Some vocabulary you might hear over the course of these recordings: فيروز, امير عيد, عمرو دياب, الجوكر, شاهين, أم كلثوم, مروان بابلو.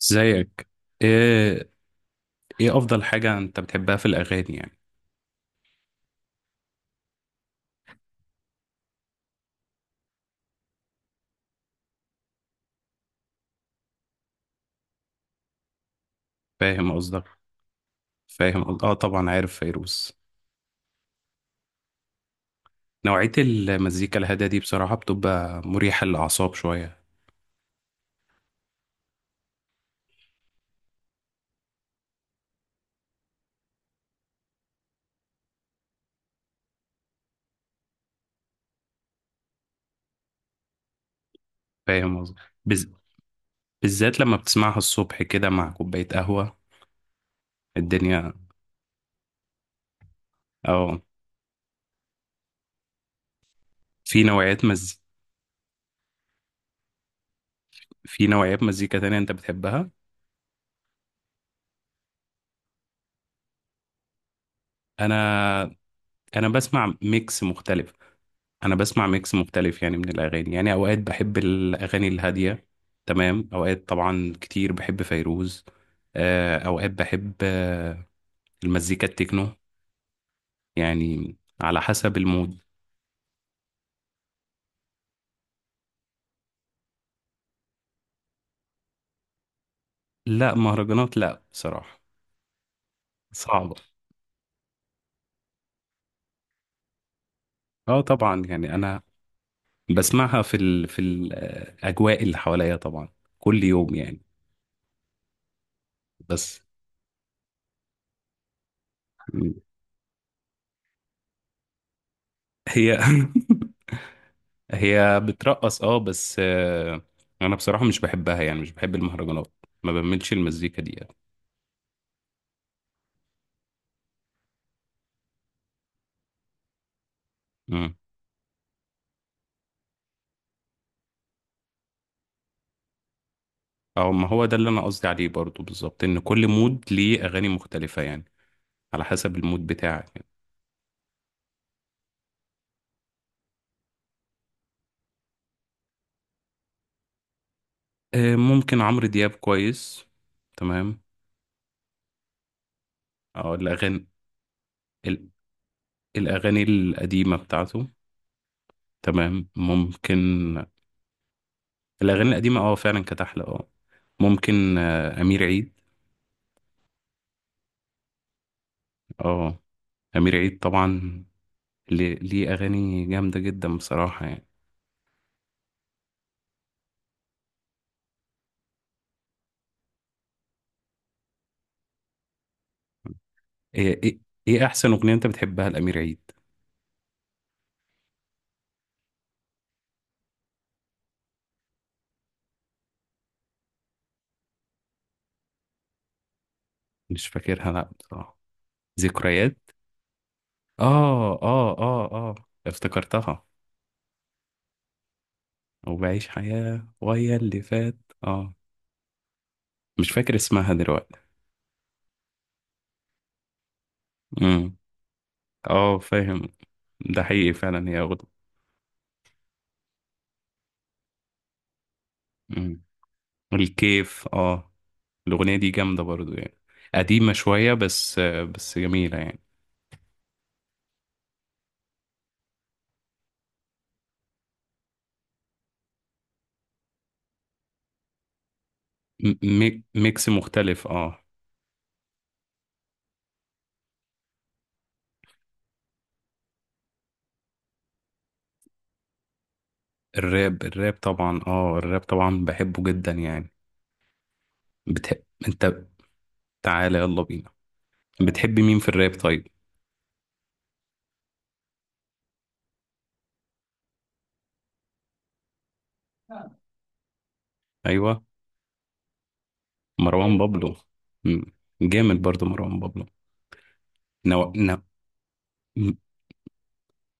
زيك، ايه؟ ايه افضل حاجة انت بتحبها في الاغاني يعني؟ فاهم قصدك. اه، طبعا عارف فيروز. نوعية المزيكا الهادية دي بصراحة بتبقى مريحة للاعصاب شوية. فاهم قصدك. بالذات لما بتسمعها الصبح كده مع كوباية قهوة. الدنيا. اه. في نوعيات. في نوعيات مزيكا تانية انت بتحبها؟ انا انا بسمع ميكس مختلف. انا بسمع ميكس مختلف، يعني من الاغاني. يعني اوقات بحب الاغاني الهاديه. تمام. اوقات طبعا كتير بحب فيروز. اوقات بحب المزيكا التكنو، يعني على حسب المود. لا، مهرجانات لا بصراحه. صعبه. اه، طبعا يعني انا بسمعها في في الاجواء اللي حواليا طبعا، كل يوم يعني. بس. هي. هي بترقص اه، بس انا بصراحة مش بحبها، يعني مش بحب المهرجانات. ما بملش المزيكا دي يعني. امم. او ما هو ده اللي انا قصدي عليه برضو بالظبط، ان كل مود ليه اغاني مختلفة يعني، على حسب المود بتاعك يعني. ممكن عمرو دياب كويس. تمام. او الاغاني، ال- الاغاني القديمة بتاعته. تمام ممكن. الاغاني القديمة اه، فعلا كانت احلى اه. ممكن امير عيد. اه، امير عيد طبعا. ليه اغاني جامده جدا بصراحه يعني. ايه، ايه، إيه احسن اغنيه انت بتحبها الامير عيد؟ مش فاكرها لا بصراحه. ذكريات. اه اه اه اه. افتكرتها. وبعيش حياه ويا اللي فات. اه. مش فاكر اسمها دلوقتي. امم. اه، فاهم. ده حقيقي فعلا هي اغنيه. امم. الكيف اه. الاغنيه دي جامده برضو يعني، قديمه شويه، بس جميله يعني. ميكس مختلف اه. الراب، الراب طبعا، اه، الراب طبعا بحبه جدا يعني. بتحب انت، تعالى يلا بينا، بتحب مين في الراب طيب؟ ايوه. مروان بابلو. مم. جامد برضو مروان بابلو. نو... نو... مم.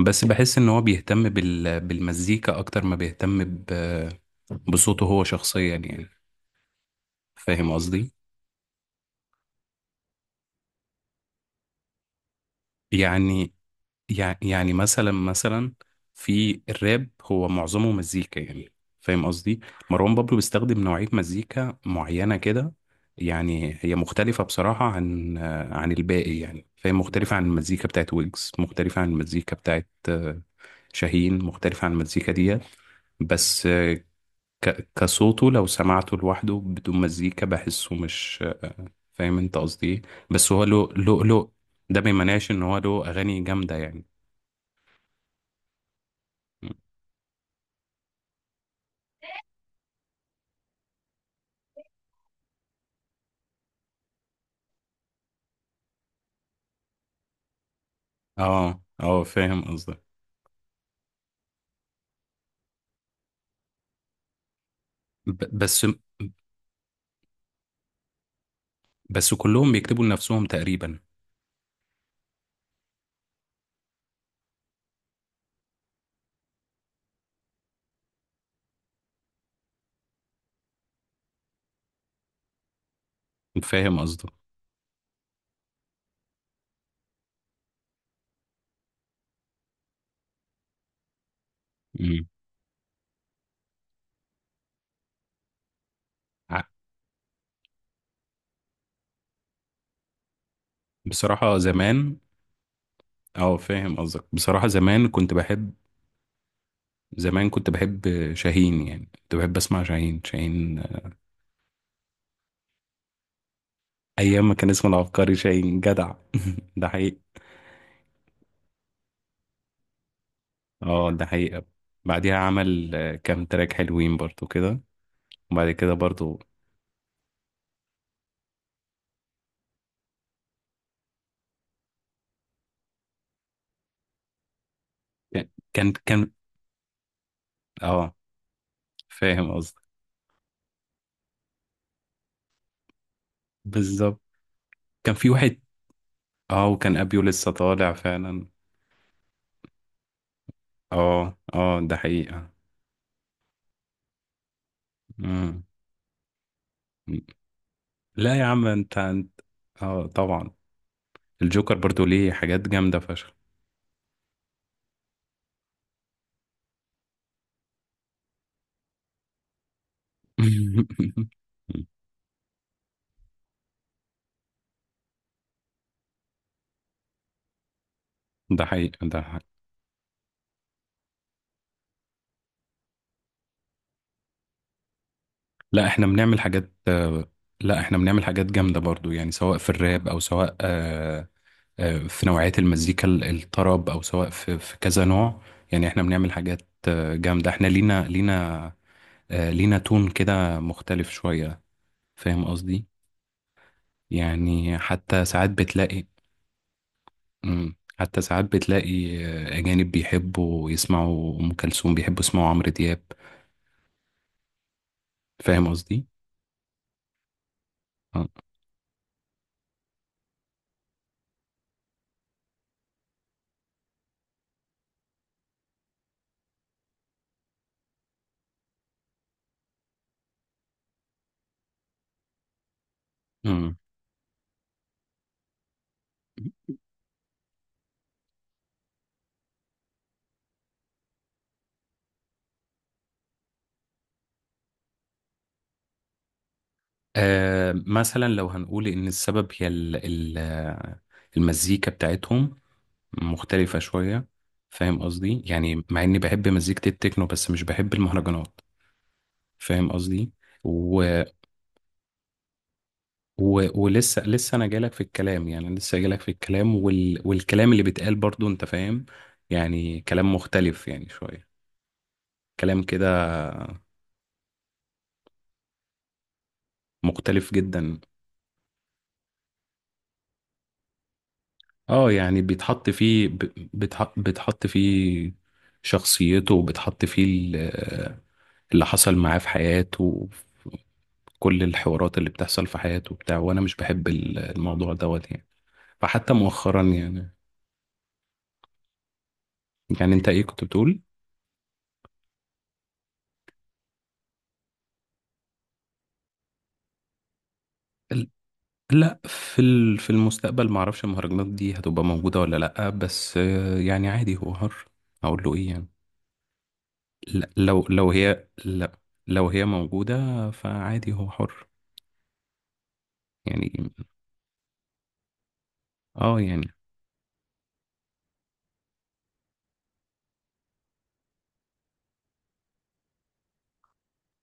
بس بحس ان هو بيهتم بالمزيكا اكتر ما بيهتم بصوته هو شخصيا يعني. فاهم قصدي. يعني، يعني مثلا، في الراب هو معظمه مزيكا يعني. فاهم قصدي. مروان بابلو بيستخدم نوعية مزيكا معينة كده. يعني هي مختلفة بصراحة عن الباقي يعني. فاهم، مختلفة عن المزيكا بتاعت ويجز، مختلفة عن المزيكا بتاعت شاهين، مختلفة عن المزيكا ديت. بس آه، كصوته لو سمعته لوحده بدون مزيكا، بحسه مش، فاهم انت قصدي ايه. بس هو له، ده ما يمنعش ان هو له اغاني جامدة يعني. اه اه، فاهم قصدك. بس كلهم بيكتبوا لنفسهم تقريبا. فاهم قصدك. مم. ع- بصراحة زمان. اه، فاهم قصدك. بصراحة زمان كنت بحب، زمان كنت بحب شاهين. يعني كنت بحب اسمع شاهين. ايام ما كان اسمه العبقري شاهين جدع. ده حقيقي. اه، ده حقيقة. بعديها عمل كام تراك حلوين برضو كده، وبعد كده برضو. كان كان كان- اه فاهم قصدك بالظبط، كان في واحد. اه، وكان ابيو لسه طالع فعلا. اه اه ده حقيقة. مم. لا يا عم، انت اه طبعا الجوكر برضو ليه حاجات جامدة فشخ. ده حقيقة، ده حقيقة. لا احنا بنعمل حاجات آه، لا، احنا بنعمل حاجات جامدة برضو يعني، سواء في الراب، او سواء في نوعية المزيكا الطرب، او سواء في كذا نوع يعني. احنا بنعمل حاجات آه، جامدة. احنا لينا، لينا تون كده مختلف شوية. فاهم قصدي؟ يعني حتى ساعات بتلاقي. مم. حتى ساعات بتلاقي أجانب بيحبوا يسمعوا أم كلثوم، بيحبوا يسمعوا عمرو دياب. فاهم قصدي؟ آه. مم. آه، مثلا لو هنقول إن السبب هي ال ال المزيكا بتاعتهم مختلفة شوية. فاهم قصدي؟ يعني مع إني بحب مزيكة التكنو، بس مش بحب المهرجانات. فاهم قصدي؟ و... ولسه انا جايلك في الكلام، يعني لسه جايلك في الكلام والكلام اللي بيتقال برضو انت فاهم. يعني كلام مختلف يعني شوية، كلام كده مختلف جدا. اه يعني بيتحط فيه بتحط فيه شخصيته، وبتحط فيه ال- اللي حصل معاه في حياته، كل الحوارات اللي بتحصل في حياته بتاع. وانا مش بحب الموضوع دوت يعني. فحتى مؤخرا يعني. يعني انت ايه كنت بتقول؟ لا، في في المستقبل ما اعرفش المهرجانات دي هتبقى موجودة ولا لا، بس آه، يعني عادي هو حر. اقول له ايه يعني. لا لو لو هي لا، لو هي موجودة فعادي هو حر يعني. اه يعني،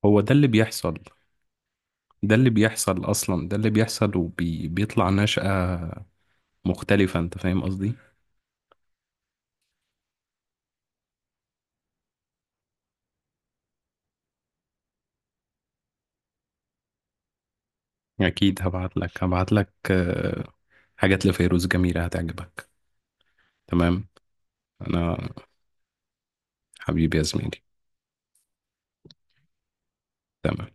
هو ده اللي بيحصل. ده اللي بيحصل اصلا، ده اللي بيحصل وبيطلع نشأة مختلفة، انت فاهم قصدي. اكيد هبعت لك، حاجات لفيروز جميلة هتعجبك. تمام. انا. حبيبي يا زميلي. تمام